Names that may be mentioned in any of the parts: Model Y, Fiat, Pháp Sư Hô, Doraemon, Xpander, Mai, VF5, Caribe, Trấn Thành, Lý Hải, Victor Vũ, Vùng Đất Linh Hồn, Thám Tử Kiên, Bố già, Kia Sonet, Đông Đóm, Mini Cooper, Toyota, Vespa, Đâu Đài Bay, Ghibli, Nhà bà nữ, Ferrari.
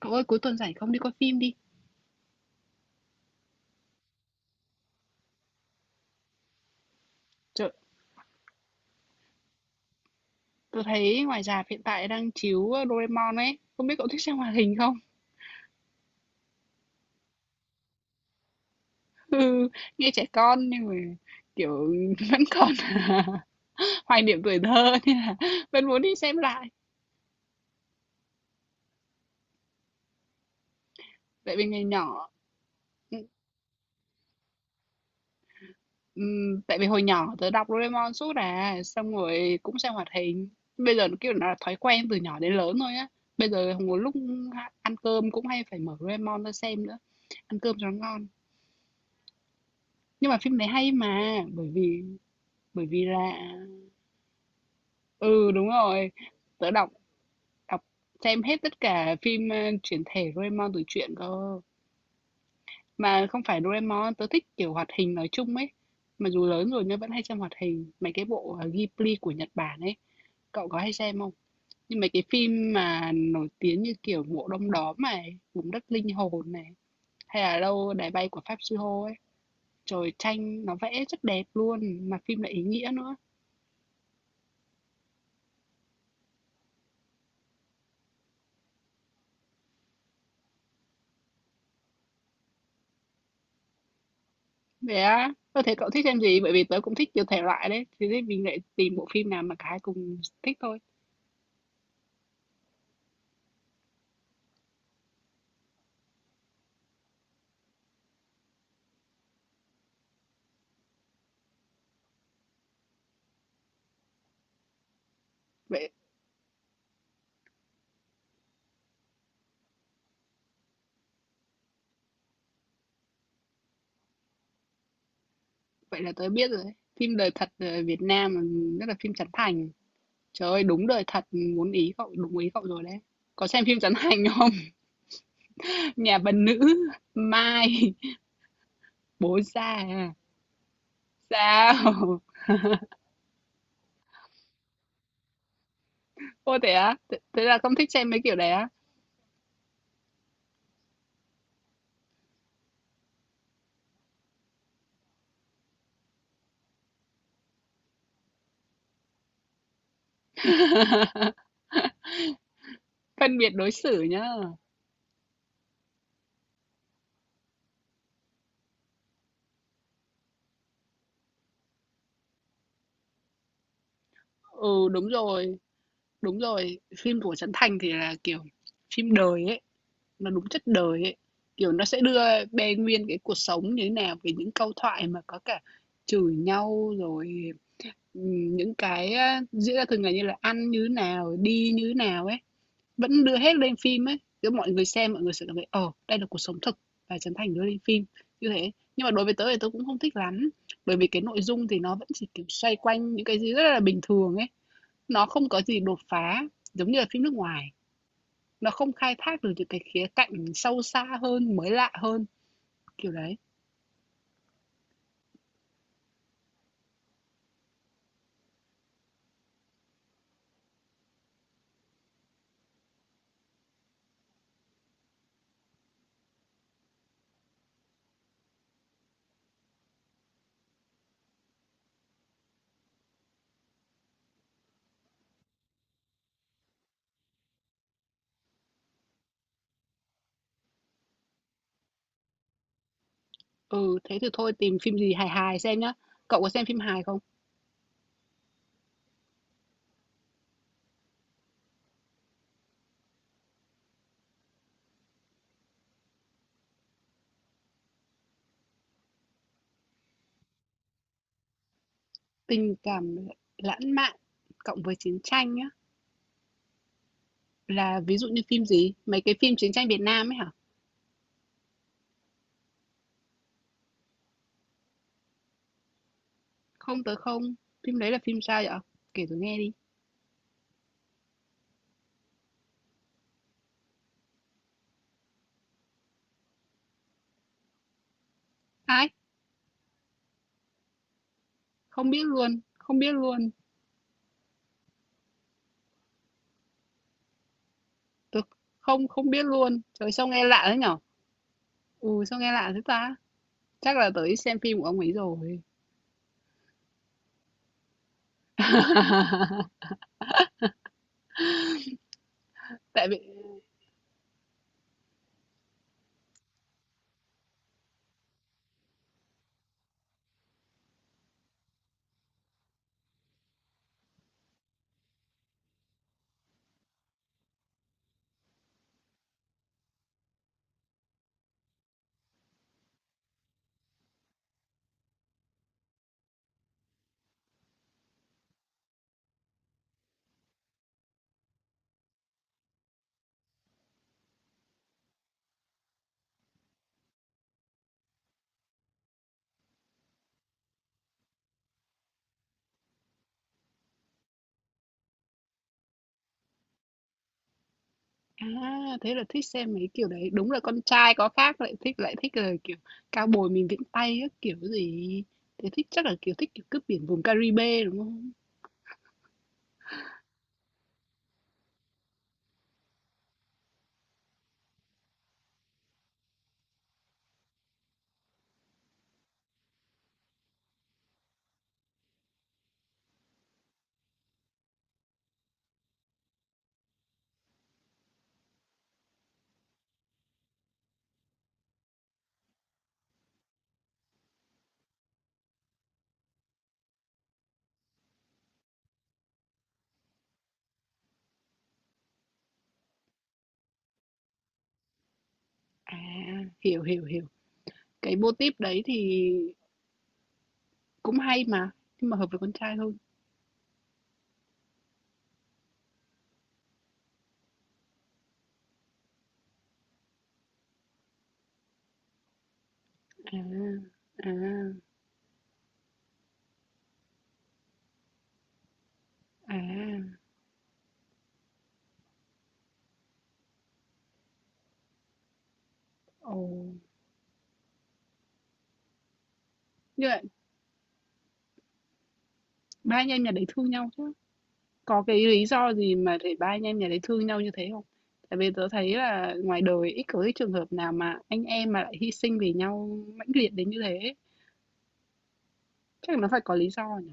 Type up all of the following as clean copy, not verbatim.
Cậu ơi, cuối tuần rảnh không đi coi phim đi. Trời, tôi thấy ngoài rạp hiện tại đang chiếu Doraemon ấy, không biết cậu thích xem hoạt hình không? Ừ, nghe trẻ con nhưng mà kiểu vẫn còn hoài niệm tuổi thơ nên là vẫn muốn đi xem lại. Tại vì ngày nhỏ, tại vì hồi nhỏ tớ đọc Doraemon suốt à, xong rồi cũng xem hoạt hình. Bây giờ nó kiểu là thói quen từ nhỏ đến lớn thôi á. Bây giờ một lúc ăn cơm cũng hay phải mở Doraemon ra xem nữa, ăn cơm cho nó ngon. Nhưng mà phim đấy hay mà, bởi vì là ừ đúng rồi. Tớ đọc đọc xem hết tất cả phim chuyển thể Doraemon từ truyện cơ. Mà không phải Doraemon, tớ thích kiểu hoạt hình nói chung ấy. Mà dù lớn rồi nhưng vẫn hay xem hoạt hình, mấy cái bộ Ghibli của Nhật Bản ấy. Cậu có hay xem không? Nhưng mấy cái phim mà nổi tiếng như kiểu bộ Đông Đóm này, Vùng Đất Linh Hồn này, hay là Đâu Đài Bay của Pháp Sư Hô ấy. Trời tranh nó vẽ rất đẹp luôn, mà phim lại ý nghĩa nữa. Vậy á? Tôi thấy cậu thích xem gì? Bởi vì tớ cũng thích nhiều thể loại đấy, thế thì mình lại tìm bộ phim nào mà cả hai cùng thích thôi. Vậy vậy là tớ biết rồi đấy. Phim đời thật Việt Nam, rất là phim Trấn Thành. Trời ơi, đúng đời thật, muốn ý cậu, đúng ý cậu rồi đấy. Có xem phim Trấn Thành không? Nhà bà nữ, Mai, Bố già à? Sao? Ô thế á? Thế thế là không thích xem mấy kiểu đấy á? Phân biệt đối xử nhá. Ừ, đúng rồi, đúng rồi. Phim của Trấn Thành thì là kiểu phim đời ấy. Nó đúng chất đời ấy, kiểu, nó sẽ đưa bê nguyên cái cuộc sống như thế nào, về những câu thoại mà có cả chửi nhau rồi, ừ, những cái, a, diễn ra thường ngày như là ăn như thế nào, đi như thế nào ấy, vẫn đưa hết lên phim ấy. Kiểu, mọi người xem mọi người sẽ cảm thấy, ờ, đây là cuộc sống thực và Trấn Thành đưa lên phim, như thế. Nhưng mà đối với tớ thì tớ cũng không thích lắm, bởi vì cái nội dung thì nó vẫn chỉ, kiểu, xoay quanh những cái gì rất là bình thường ấy, nó không có gì đột phá giống như là phim nước ngoài. Nó không khai thác được những cái khía cạnh sâu xa hơn, mới lạ hơn, kiểu đấy. Ừ, thế thì thôi tìm phim gì hài hài xem nhá. Cậu có xem phim hài không? Tình cảm lãng mạn cộng với chiến tranh nhá. Là ví dụ như phim gì? Mấy cái phim chiến tranh Việt Nam ấy hả? Không tới không. Phim đấy là phim sao vậy? Kể tôi nghe đi. Ai? Không biết luôn. Không biết luôn. Tôi không không biết luôn. Trời sao nghe lạ thế nhở? Ừ sao nghe lạ thế ta? Chắc là tới xem phim của ông ấy rồi. Tại vì À, thế là thích xem mấy kiểu đấy, đúng là con trai có khác lại thích là kiểu cao bồi mình viễn tay các kiểu gì. Thế thích chắc là kiểu thích kiểu cướp biển vùng Caribe đúng không? À, hiểu hiểu hiểu. Cái mô típ đấy thì cũng hay mà, nhưng mà hợp với con trai hơn. À, à, à. Ồ. Như vậy ba anh em nhà đấy thương nhau chứ. Có cái lý do gì mà để ba anh em nhà đấy thương nhau như thế không? Tại vì tớ thấy là ngoài đời ít có cái trường hợp nào mà anh em mà lại hy sinh vì nhau mãnh liệt đến như thế ấy. Chắc nó phải có lý do nhỉ?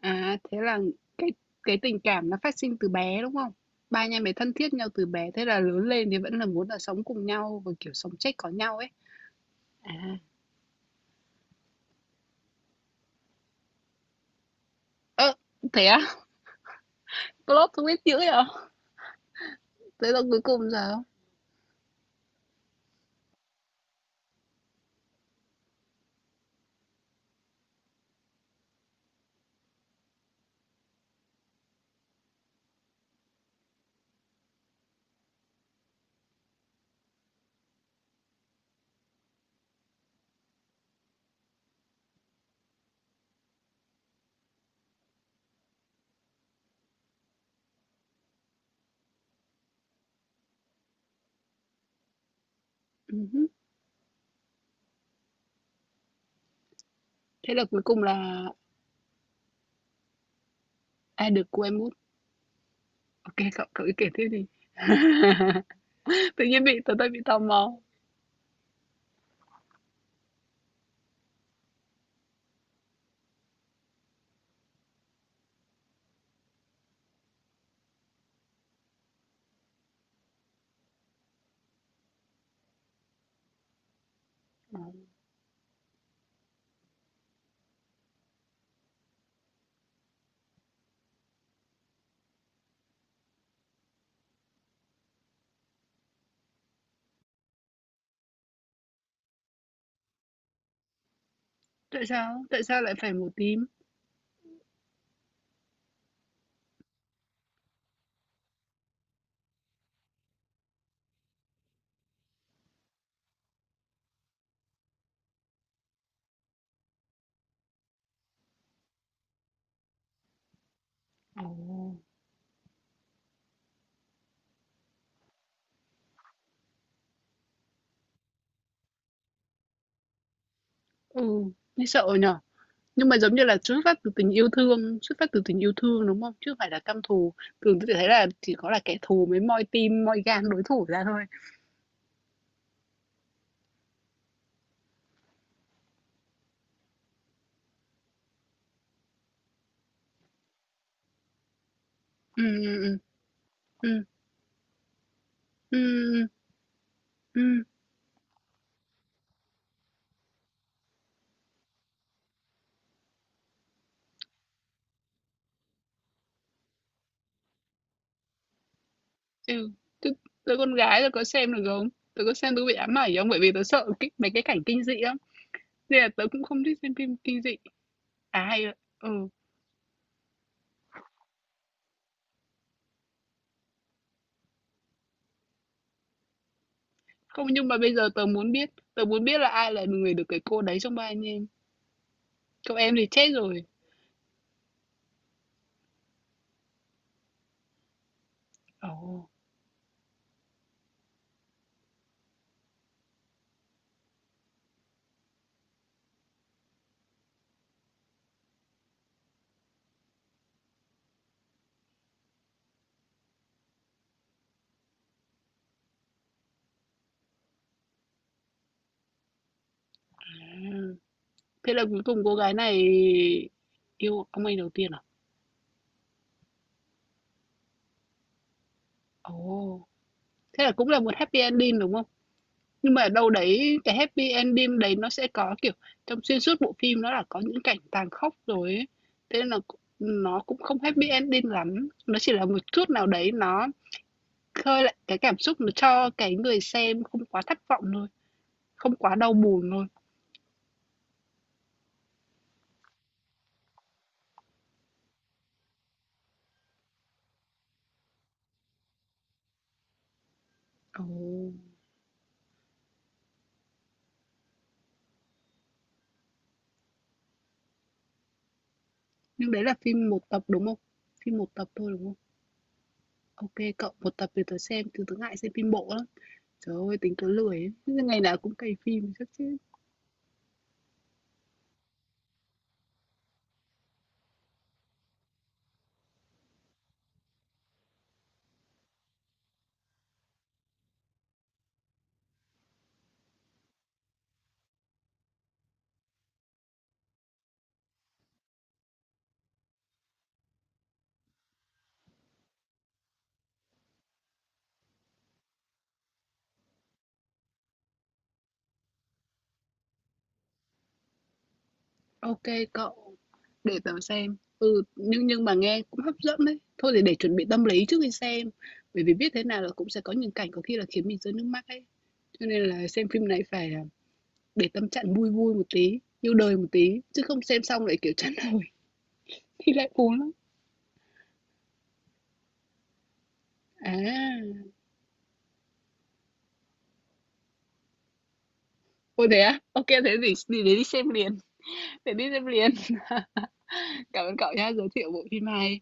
À thế là cái cái tình cảm nó phát sinh từ bé đúng không? Ba anh em ấy thân thiết nhau từ bé thế là lớn lên thì vẫn là muốn là sống cùng nhau và kiểu sống chết có nhau ấy. À ơ thế á? Plot không biết dữ vậy? Thế là cuối cùng sao? Ừ hứ. Thế là cuối cùng là ai được của em út? Ok cậu cậu ý kể thế đi. Tự nhiên bị tớ tại bị tò mò. Ờ, tại sao lại phải màu tím. Ồ. Ừ nghe sợ nhở, nhưng mà giống như là xuất phát từ tình yêu thương xuất phát từ tình yêu thương đúng không chứ không phải là căm thù. Thường tôi thấy là chỉ có là kẻ thù mới moi tim moi gan đối thủ ra thôi. Ừ. Ừ. Ừ. Ừ. Ừ. Ừ. Ừ. Chứ tớ con gái tớ có xem được không, tớ có xem tớ bị ám ảnh không, bởi vì tớ sợ cái, mấy cái cảnh kinh dị lắm nên là tớ cũng không thích xem phim kinh dị. À hay ạ. Ừ. Không, nhưng mà bây giờ tớ muốn biết là ai là người được cái cô đấy trong ba anh em. Cậu em thì chết rồi. Ồ. À. Thế là cuối cùng cô gái này yêu ông anh đầu tiên à? Ồ. Thế là cũng là một happy ending đúng không? Nhưng mà ở đâu đấy cái happy ending đấy nó sẽ có kiểu trong xuyên suốt bộ phim nó là có những cảnh tàn khốc rồi ấy. Thế nên là nó cũng không happy ending lắm. Nó chỉ là một chút nào đấy nó khơi lại cái cảm xúc nó cho cái người xem không quá thất vọng thôi, không quá đau buồn thôi. Ồ, nhưng đấy là phim một tập, đúng không? Phim một tập thôi, đúng không? OK cậu, một tập thì tớ xem, tớ tớ ngại xem phim bộ lắm. Trời ơi, tính tớ lười ấy. Chứ ngày nào cũng cày phim chắc chứ. OK cậu, để tớ xem. Ừ, nhưng mà nghe cũng hấp dẫn đấy. Thôi thì để chuẩn bị tâm lý trước khi xem. Bởi vì biết thế nào là cũng sẽ có những cảnh có khi là khiến mình rơi nước mắt ấy. Cho nên là xem phim này phải là để tâm trạng vui vui một tí, yêu đời một tí. Chứ không xem xong lại kiểu chán nổi thì lại buồn lắm. À, Ôi thế á? Ô thế thì để đi xem liền, để đi xem liền. Cảm ơn cậu nhá, giới thiệu bộ phim hay.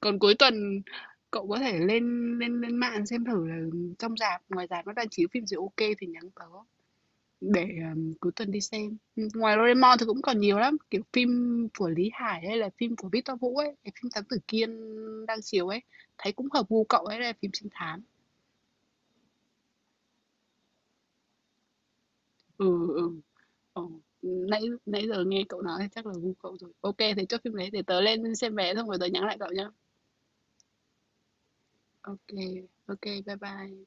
Còn cuối tuần cậu có thể lên lên lên mạng xem thử là trong rạp, ngoài rạp nó đang chiếu phim gì ok thì nhắn tớ để cuối tuần đi xem. Ừ, ngoài Doraemon thì cũng còn nhiều lắm, kiểu phim của Lý Hải hay là phim của Victor Vũ ấy, cái phim Thám Tử Kiên đang chiếu ấy, thấy cũng hợp gu cậu ấy là phim trinh thám. Ừ ừ. Ồ, nãy nãy giờ nghe cậu nói thì chắc là gu cậu rồi. Ok, thì chốt phim đấy để tớ lên xem vé xong rồi tớ nhắn lại cậu nhá. Ok, ok, bye bye.